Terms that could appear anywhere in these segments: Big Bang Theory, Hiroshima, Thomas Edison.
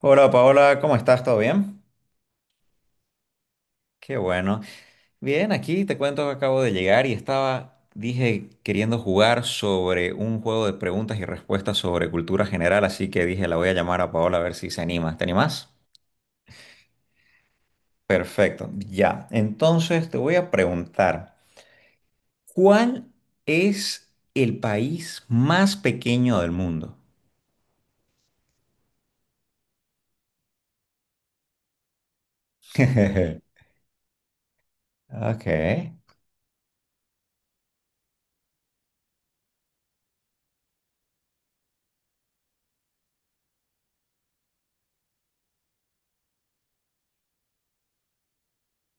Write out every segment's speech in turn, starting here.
Hola Paola, ¿cómo estás? ¿Todo bien? Qué bueno. Bien, aquí te cuento que acabo de llegar y estaba, dije, queriendo jugar sobre un juego de preguntas y respuestas sobre cultura general, así que dije, la voy a llamar a Paola a ver si se anima. ¿Te animas? Perfecto, ya. Entonces te voy a preguntar, ¿cuál es el país más pequeño del mundo? Ok.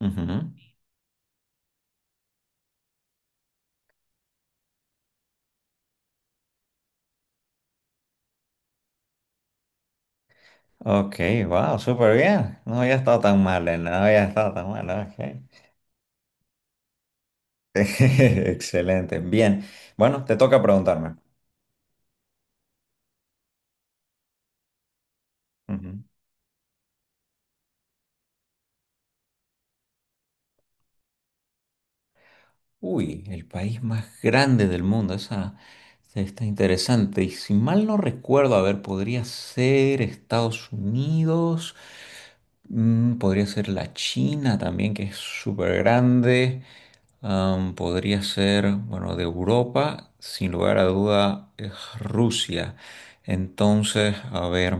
Ujú. Ok, wow, súper bien. No había estado tan mal, no había estado tan mal, ok. Excelente. Bien. Bueno, te toca preguntarme. Ujú. Uy, el país más grande del mundo. Esa está interesante. Y si mal no recuerdo, a ver, podría ser Estados Unidos. Mm, podría ser la China también, que es súper grande. Podría ser, bueno, de Europa, sin lugar a duda, es Rusia. Entonces, a ver.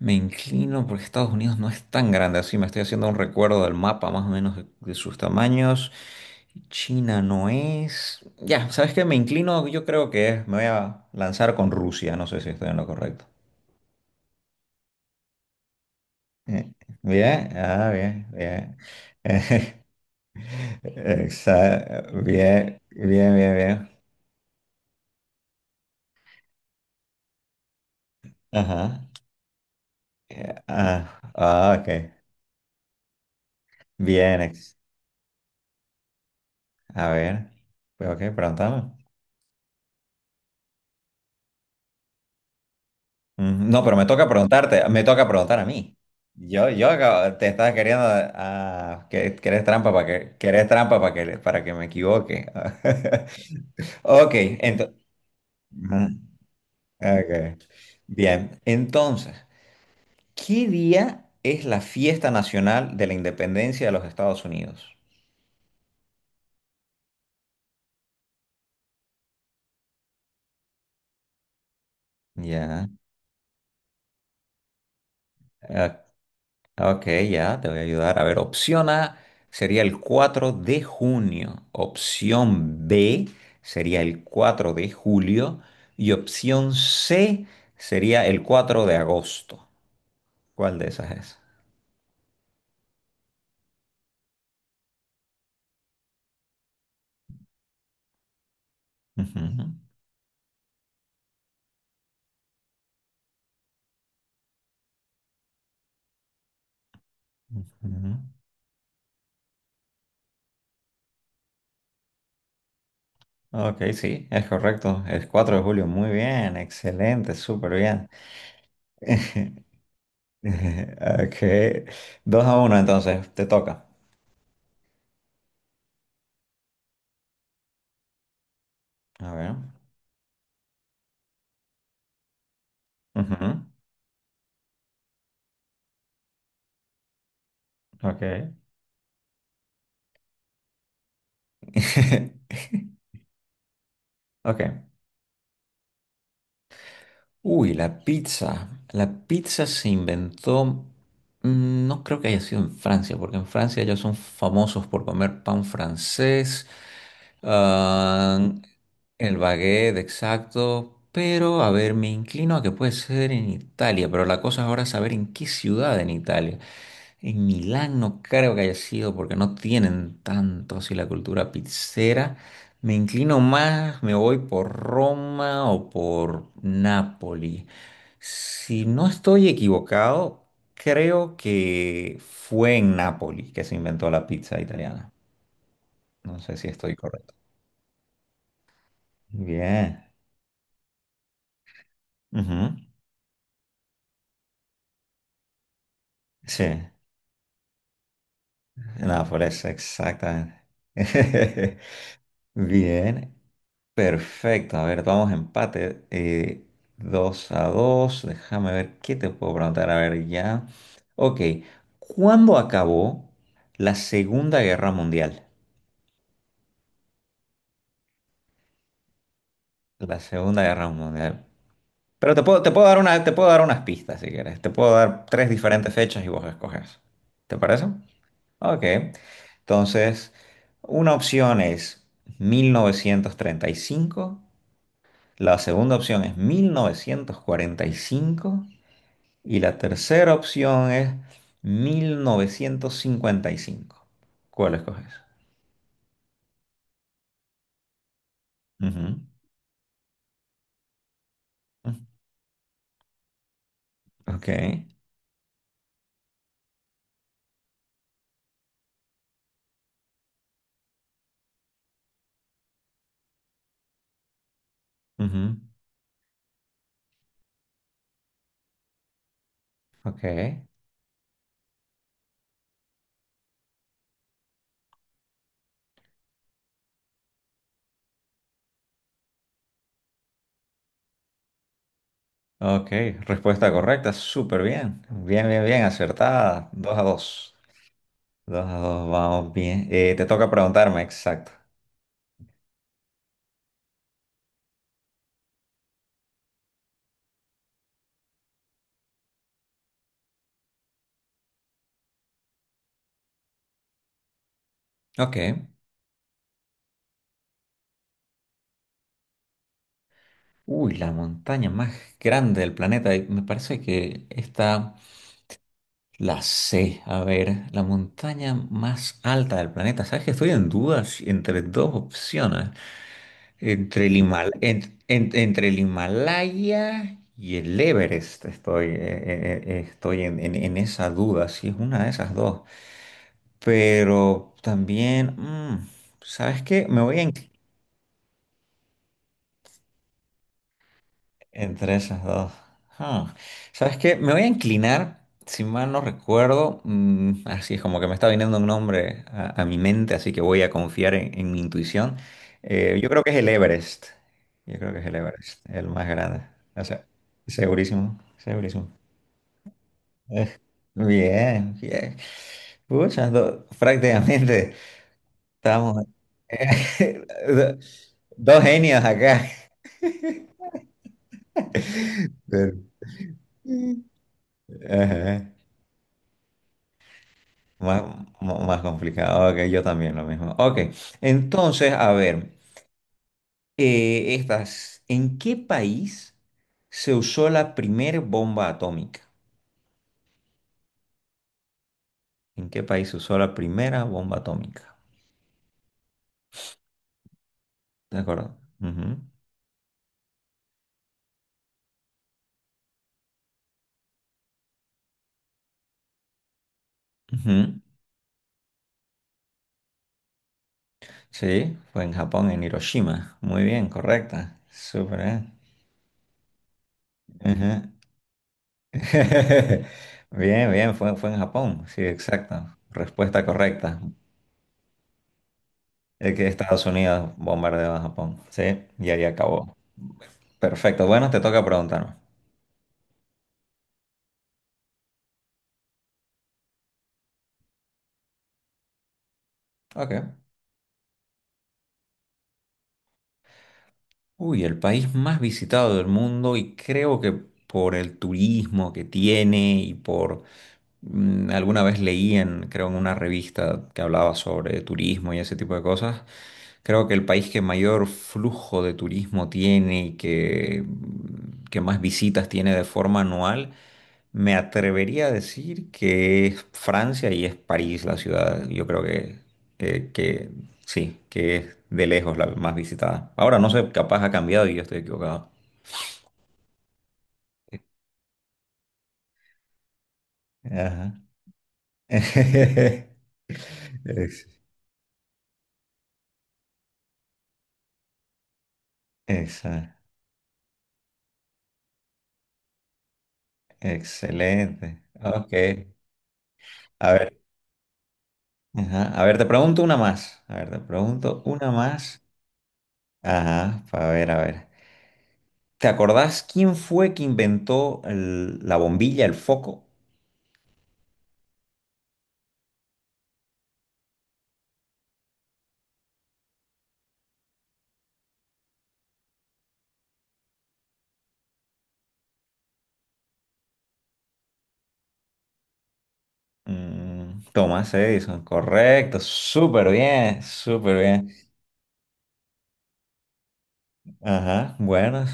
Me inclino porque Estados Unidos no es tan grande así. Me estoy haciendo un recuerdo del mapa más o menos de sus tamaños. China no es. Ya, ¿sabes qué? Me inclino, yo creo que es. Me voy a lanzar con Rusia. No sé si estoy en lo correcto. Eh, Bien, bien, bien. Exa- Bien, bien, bien, bien. Ajá. Ok. Bien, ex- a ver. Pues, ok, pregúntame. Mm, no, pero me toca preguntarte, me toca preguntar a mí. Yo acabo- te estaba queriendo que eres trampa para que eres trampa para que me equivoque. Ok, entonces. Bien, entonces, ¿qué día es la fiesta nacional de la independencia de los Estados Unidos? Ya, ok. Ok, ya, te voy a ayudar. A ver, opción A sería el 4 de junio, opción B sería el 4 de julio y opción C sería el 4 de agosto. ¿Cuál de esas es? Ujú, ujú. Ok, sí, es correcto. El 4 de julio, muy bien, excelente, súper bien. Ok, 2 a uno, entonces, te toca. A ver. Ujú, ok. Ok. Uy, la pizza. La pizza se inventó, mm, no creo que haya sido en Francia, porque en Francia ya son famosos por comer pan francés. Ah, el baguette, exacto. Pero, a ver, me inclino a que puede ser en Italia, pero la cosa ahora es saber en qué ciudad en Italia. En Milán no creo que haya sido porque no tienen tanto así la cultura pizzera. Me inclino más, me voy por Roma o por Nápoli. Si no estoy equivocado, creo que fue en Nápoli que se inventó la pizza italiana. No sé si estoy correcto. Bien. Ujú. Sí. No, por eso, exactamente. Bien. Perfecto. A ver, vamos a empate. Dos a dos. Déjame ver qué te puedo preguntar. A ver, ya. Ok. ¿Cuándo acabó la Segunda Guerra Mundial? La Segunda Guerra Mundial. Pero te puedo dar una, te puedo dar unas pistas si quieres. Te puedo dar tres diferentes fechas y vos escoges. ¿Te parece? Ok, entonces una opción es 1935, la segunda opción es mil novecientos cuarenta y cinco y la tercera opción es 1955. ¿Cuál escoges? Ujú, ujú, ok, ujú, ok, ok, respuesta correcta, súper bien, bien, bien, bien, acertada. Dos a dos vamos bien. Te toca preguntarme, exacto. Ok. Uy, la montaña más grande del planeta. Y me parece que está la C. A ver, la montaña más alta del planeta. ¿Sabes que estoy en dudas entre dos opciones? Entre el Himal- entre el Himalaya y el Everest. Estoy, estoy en esa duda, si es una de esas dos. Pero también, mm, ¿sabes qué? Me voy a entre esas dos. Ah, ¿sabes qué? Me voy a inclinar, si mal no recuerdo, mm, así es como que me está viniendo un nombre a mi mente, así que voy a confiar en mi intuición. Yo creo que es el Everest. Yo creo que es el Everest, el más grande. O sea, segurísimo, segurísimo. Bien, bien. Pucha, do- prácticamente estamos... do- dos genios acá. Pero, ajá. Más, mo- más complicado, ok, yo también lo mismo. Ok, entonces, a ver, estas, ¿en qué país se usó la primera bomba atómica? ¿En qué país se usó la primera bomba atómica? ¿De acuerdo? Ujú, ujú. Sí, fue en Japón, en Hiroshima. Muy bien, correcta. Súper bien. Ajá. Bien, bien, fue en Japón. Sí, exacto. Respuesta correcta. Es que Estados Unidos bombardeó a Japón. Sí, y ahí acabó. Perfecto, bueno, te toca preguntarme. Ok. Uy, el país más visitado del mundo y creo que por el turismo que tiene y por mm, alguna vez leí en, creo, en una revista que hablaba sobre turismo y ese tipo de cosas. Creo que el país que mayor flujo de turismo tiene que más visitas tiene de forma anual, me atrevería a decir que es Francia y es París la ciudad. Yo creo que sí, que es de lejos la más visitada. Ahora no sé, capaz ha cambiado y yo estoy equivocado. Ajá. Ex- Exacto. Excelente. Ok. A ver, ajá, a ver, te pregunto una más. A ver, te pregunto una más. Ajá, a ver, a ver. ¿Te acordás quién fue que inventó el- la bombilla, el foco? Mm, Thomas Edison, correcto, súper bien, súper bien. Ajá, bueno,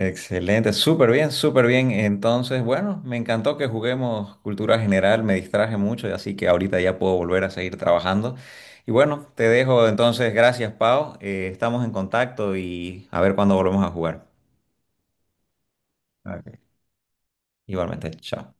excelente, súper bien, súper bien. Entonces, bueno, me encantó que juguemos cultura general, me distraje mucho, así que ahorita ya puedo volver a seguir trabajando. Y bueno, te dejo entonces, gracias Pau. Estamos en contacto y a ver cuándo volvemos a jugar. Ok. Igualmente, chao.